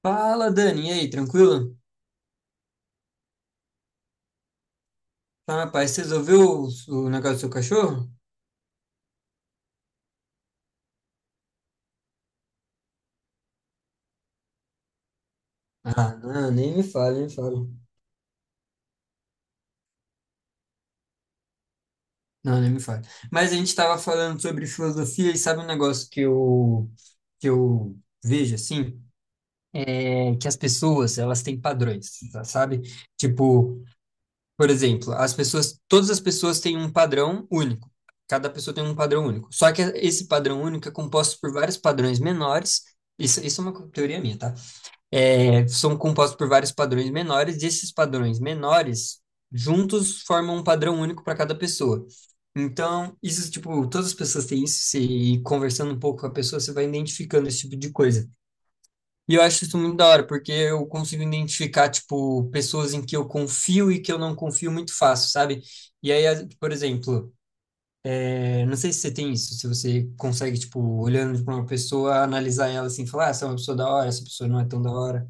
Fala, Dani, e aí, tranquilo? Tá, rapaz, você resolveu o negócio do seu cachorro? Ah, não, nem me fale, nem me fale. Não, nem me fale. Mas a gente tava falando sobre filosofia e sabe um negócio que eu vejo, assim? É que as pessoas, elas têm padrões, tá, sabe? Tipo, por exemplo, as pessoas, todas as pessoas têm um padrão único. Cada pessoa tem um padrão único. Só que esse padrão único é composto por vários padrões menores. Isso é uma teoria minha, tá? São compostos por vários padrões menores, e esses padrões menores juntos formam um padrão único para cada pessoa. Então, isso, tipo, todas as pessoas têm isso, e conversando um pouco com a pessoa, você vai identificando esse tipo de coisa. E eu acho isso muito da hora, porque eu consigo identificar, tipo, pessoas em que eu confio e que eu não confio muito fácil, sabe? E aí, por exemplo, não sei se você tem isso, se você consegue, tipo, olhando para uma pessoa, analisar ela assim, falar, ah, essa é uma pessoa da hora, essa pessoa não é tão da hora.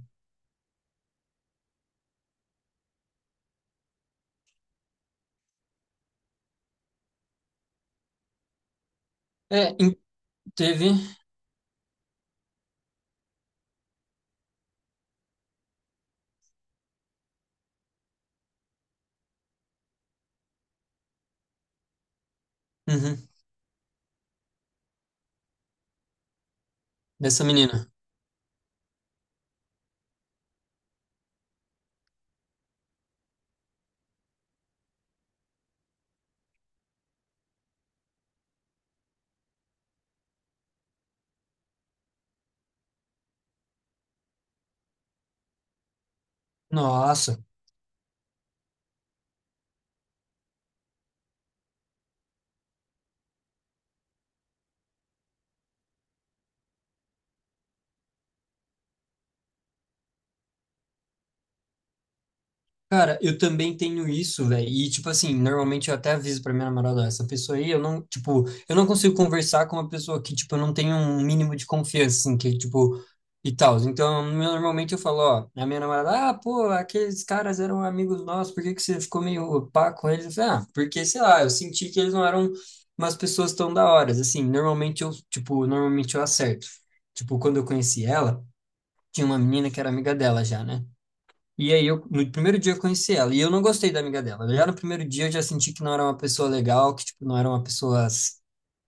É, teve. Uhum, dessa menina. Nossa. Cara, eu também tenho isso, velho. E, tipo assim, normalmente eu até aviso pra minha namorada, ó, essa pessoa aí, eu não, tipo, eu não consigo conversar com uma pessoa que, tipo, eu não tenho um mínimo de confiança, assim, que, tipo, e tal. Então, normalmente eu falo, ó, a minha namorada, ah, pô, aqueles caras eram amigos nossos, por que que você ficou meio pá com eles? Eu falei, ah, porque, sei lá, eu senti que eles não eram umas pessoas tão da hora, assim. Normalmente eu, tipo, normalmente eu acerto. Tipo, quando eu conheci ela, tinha uma menina que era amiga dela já, né? E aí, eu, no primeiro dia eu conheci ela, e eu não gostei da amiga dela. Já no primeiro dia eu já senti que não era uma pessoa legal, que, tipo, não era uma pessoa,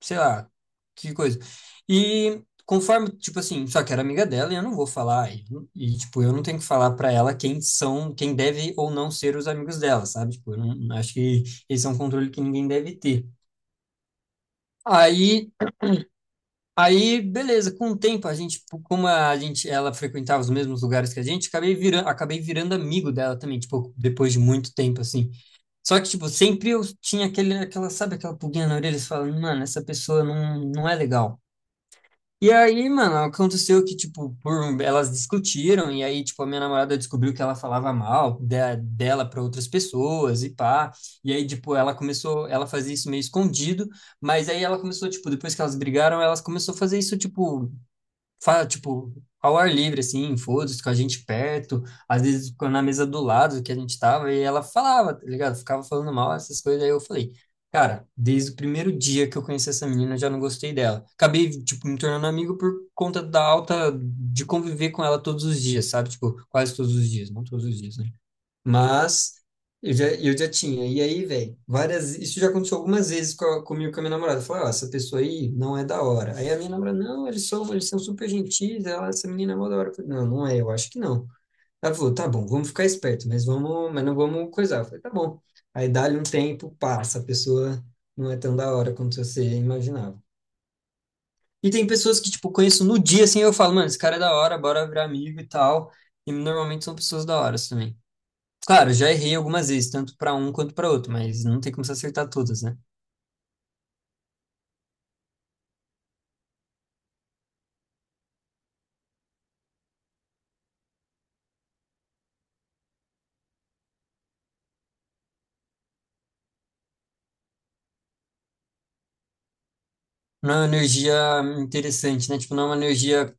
sei lá, que coisa. E conforme, tipo assim, só que era amiga dela e eu não vou falar, e, tipo, eu não tenho que falar pra ela quem são, quem deve ou não ser os amigos dela, sabe? Tipo, eu não, acho que esse é um controle que ninguém deve ter. Aí Aí, beleza, com o tempo a gente, tipo, como a gente, ela frequentava os mesmos lugares que a gente, acabei virando amigo dela também, tipo, depois de muito tempo, assim. Só que, tipo, sempre eu tinha sabe, aquela pulguinha na orelha, falando, mano, essa pessoa não é legal. E aí, mano, aconteceu que, tipo, por, elas discutiram, e aí, tipo, a minha namorada descobriu que ela falava dela para outras pessoas e pá. E aí, tipo, ela começou, ela fazia isso meio escondido, mas aí ela começou, tipo, depois que elas brigaram, elas começou a fazer isso, tipo, Fala, tipo, ao ar livre, assim, foda-se, com a gente perto, às vezes ficou na mesa do lado que a gente tava, e ela falava, tá ligado? Ficava falando mal, essas coisas, aí eu falei, cara, desde o primeiro dia que eu conheci essa menina, eu já não gostei dela. Acabei, tipo, me tornando amigo por conta da alta, de conviver com ela todos os dias, sabe? Tipo, quase todos os dias, não todos os dias, né? Mas eu já tinha. E aí, velho, várias. Isso já aconteceu algumas vezes comigo e com a minha namorada. Eu falei, ó, essa pessoa aí não é da hora. Aí a minha namorada, não, eles são super gentis, ela, essa menina é mó da hora. Eu falei, não, não é, eu acho que não. Ela falou, tá bom, vamos ficar esperto, mas não vamos coisar. Eu falei, tá bom. Aí dá-lhe um tempo, passa, a pessoa não é tão da hora quanto você imaginava. E tem pessoas que, tipo, conheço no dia, assim, eu falo, mano, esse cara é da hora, bora virar amigo e tal. E normalmente são pessoas da hora assim, também. Claro, já errei algumas vezes, tanto para um quanto para outro, mas não tem como se acertar todas, né? Não é uma energia interessante, né? Tipo, não é uma energia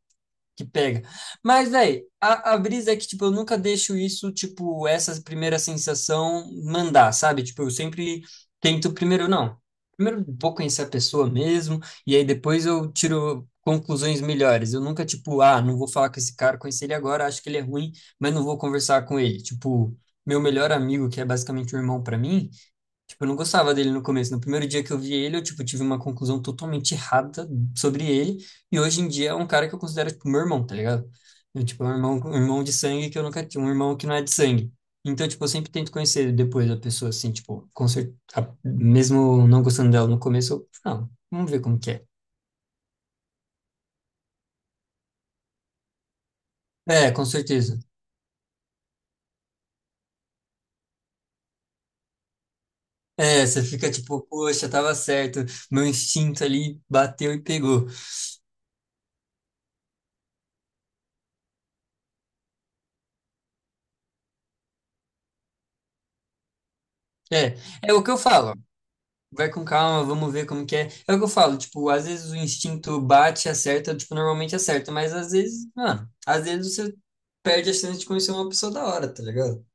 que pega. Mas, velho, a brisa é que, tipo, eu nunca deixo isso, tipo, essa primeira sensação mandar, sabe? Tipo, eu sempre tento primeiro, não. Primeiro vou conhecer a pessoa mesmo, e aí depois eu tiro conclusões melhores. Eu nunca, tipo, ah, não vou falar com esse cara, conheci ele agora, acho que ele é ruim, mas não vou conversar com ele. Tipo, meu melhor amigo, que é basicamente um irmão para mim. Tipo, eu não gostava dele no começo. No primeiro dia que eu vi ele, eu, tipo, tive uma conclusão totalmente errada sobre ele. E hoje em dia é um cara que eu considero, tipo, meu irmão, tá ligado? Eu, tipo, é um irmão de sangue que eu nunca tive, um irmão que não é de sangue. Então, tipo, eu sempre tento conhecer depois a pessoa, assim, tipo, mesmo não gostando dela no começo, eu, não, vamos ver como que é. É, com certeza. É, você fica tipo, poxa, tava certo, meu instinto ali bateu e pegou. É, é o que eu falo. Vai com calma, vamos ver como que é. É o que eu falo, tipo, às vezes o instinto bate, acerta, tipo, normalmente acerta, mas às vezes, mano, às vezes você perde a chance de conhecer uma pessoa da hora, tá ligado?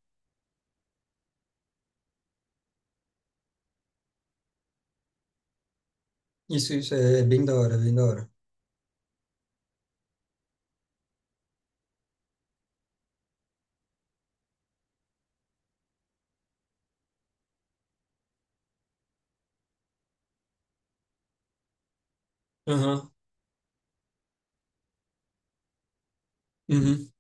Isso é bem da hora, bem da hora. Aham, uhum.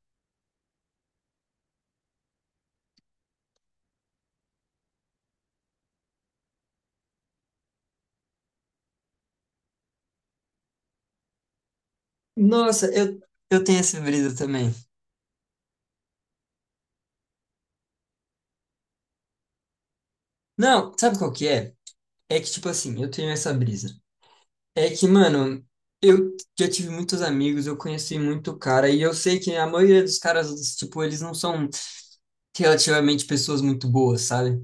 Nossa, eu tenho essa brisa também. Não, sabe qual que é? É que, tipo assim, eu tenho essa brisa. É que, mano, eu já tive muitos amigos, eu conheci muito cara, e eu sei que a maioria dos caras, tipo, eles não são relativamente pessoas muito boas, sabe?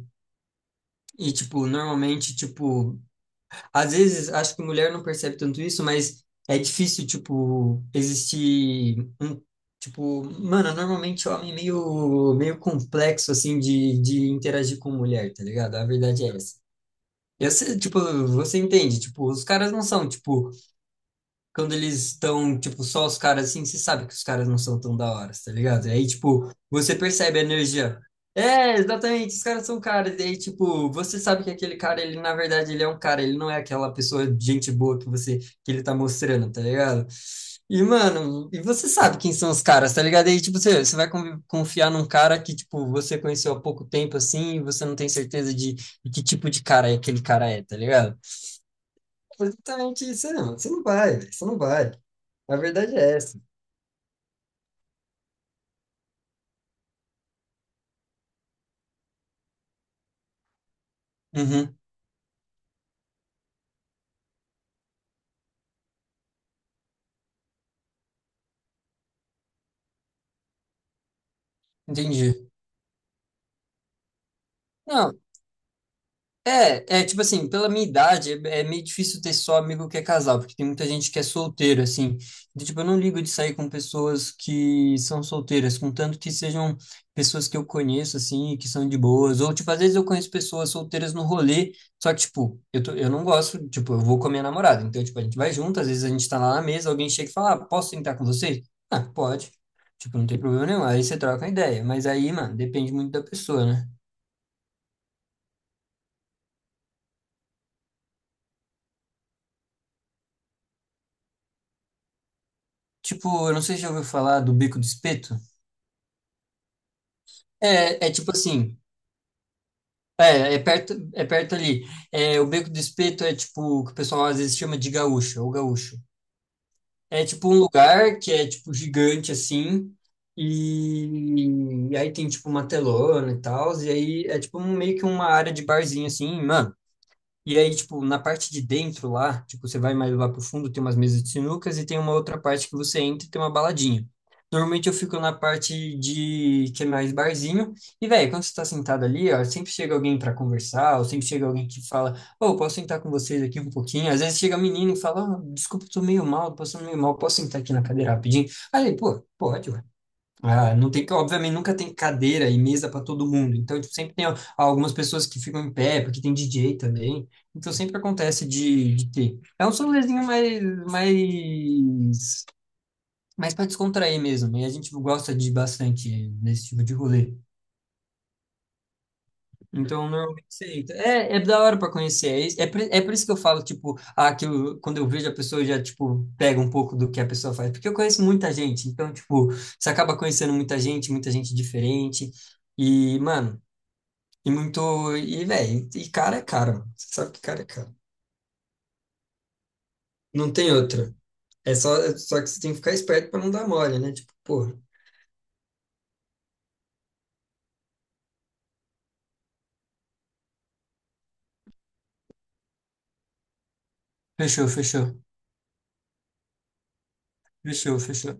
E, tipo, normalmente, tipo, às vezes acho que mulher não percebe tanto isso, mas é difícil, tipo, existir um, tipo, mano, normalmente homem é meio complexo, assim, de interagir com mulher, tá ligado? A verdade é essa. Eu sei, tipo, você entende, tipo, os caras não são, tipo, quando eles estão, tipo, só os caras assim, você sabe que os caras não são tão da hora, tá ligado? E aí, tipo, você percebe a energia. É, exatamente, os caras são caras. E aí, tipo, você sabe que aquele cara, ele, na verdade, ele é um cara, ele não é aquela pessoa de gente boa que você, que ele tá mostrando, tá ligado? E, mano, e você sabe quem são os caras, tá ligado? E aí, tipo, você vai confiar num cara que, tipo, você conheceu há pouco tempo, assim, e você não tem certeza de que tipo de cara é aquele cara é, tá ligado? Foi justamente isso, não. Você não vai, velho, você não vai. A verdade é essa. Uhum, entendi. Não, é, é tipo assim, pela minha idade, é meio difícil ter só amigo que é casal, porque tem muita gente que é solteiro, assim. Então, tipo, eu não ligo de sair com pessoas que são solteiras, contanto que sejam pessoas que eu conheço, assim, e que são de boas. Ou, tipo, às vezes eu conheço pessoas solteiras no rolê, só que, tipo, eu não gosto, tipo, eu vou com a minha namorada. Então, tipo, a gente vai junto, às vezes a gente tá lá na mesa, alguém chega e fala, ah, posso sentar com você? Ah, pode. Tipo, não tem problema nenhum. Aí você troca uma ideia. Mas aí, mano, depende muito da pessoa, né? Tipo, eu não sei se já ouviu falar do Beco do Espeto. É, é tipo assim, é, é perto ali. É, o Beco do Espeto é tipo o que o pessoal às vezes chama de gaúcho, ou gaúcho. É tipo um lugar que é tipo gigante assim, e aí tem tipo uma telona e tal, e aí é tipo meio que uma área de barzinho assim, mano. E aí, tipo, na parte de dentro lá, tipo, você vai mais lá pro fundo, tem umas mesas de sinucas e tem uma outra parte que você entra e tem uma baladinha. Normalmente eu fico na parte de que é mais barzinho. E, velho, quando você tá sentado ali, ó, sempre chega alguém pra conversar, ou sempre chega alguém que fala, ô, posso sentar com vocês aqui um pouquinho? Às vezes chega menino e fala, ah, desculpa, tô meio mal, tô passando meio mal, posso sentar aqui na cadeira rapidinho? Aí, pô, pode, ah, não tem, obviamente, nunca tem cadeira e mesa para todo mundo. Então, tipo, sempre tem algumas pessoas que ficam em pé, porque tem DJ também. Então, sempre acontece de ter. É um solezinho mais, mais, mais para descontrair mesmo. E a gente gosta de bastante desse tipo de rolê. Então, normalmente você entra. É, é da hora pra conhecer. É por isso que eu falo, tipo, ah, quando eu vejo a pessoa, eu já, tipo, pega um pouco do que a pessoa faz. Porque eu conheço muita gente. Então, tipo, você acaba conhecendo muita gente diferente. E, mano, e muito. E, velho, e cara é caro. Mano. Você sabe que cara é caro. Não tem outra. É só que você tem que ficar esperto pra não dar mole, né? Tipo, pô, fechou, fechou. Fechou, fechou.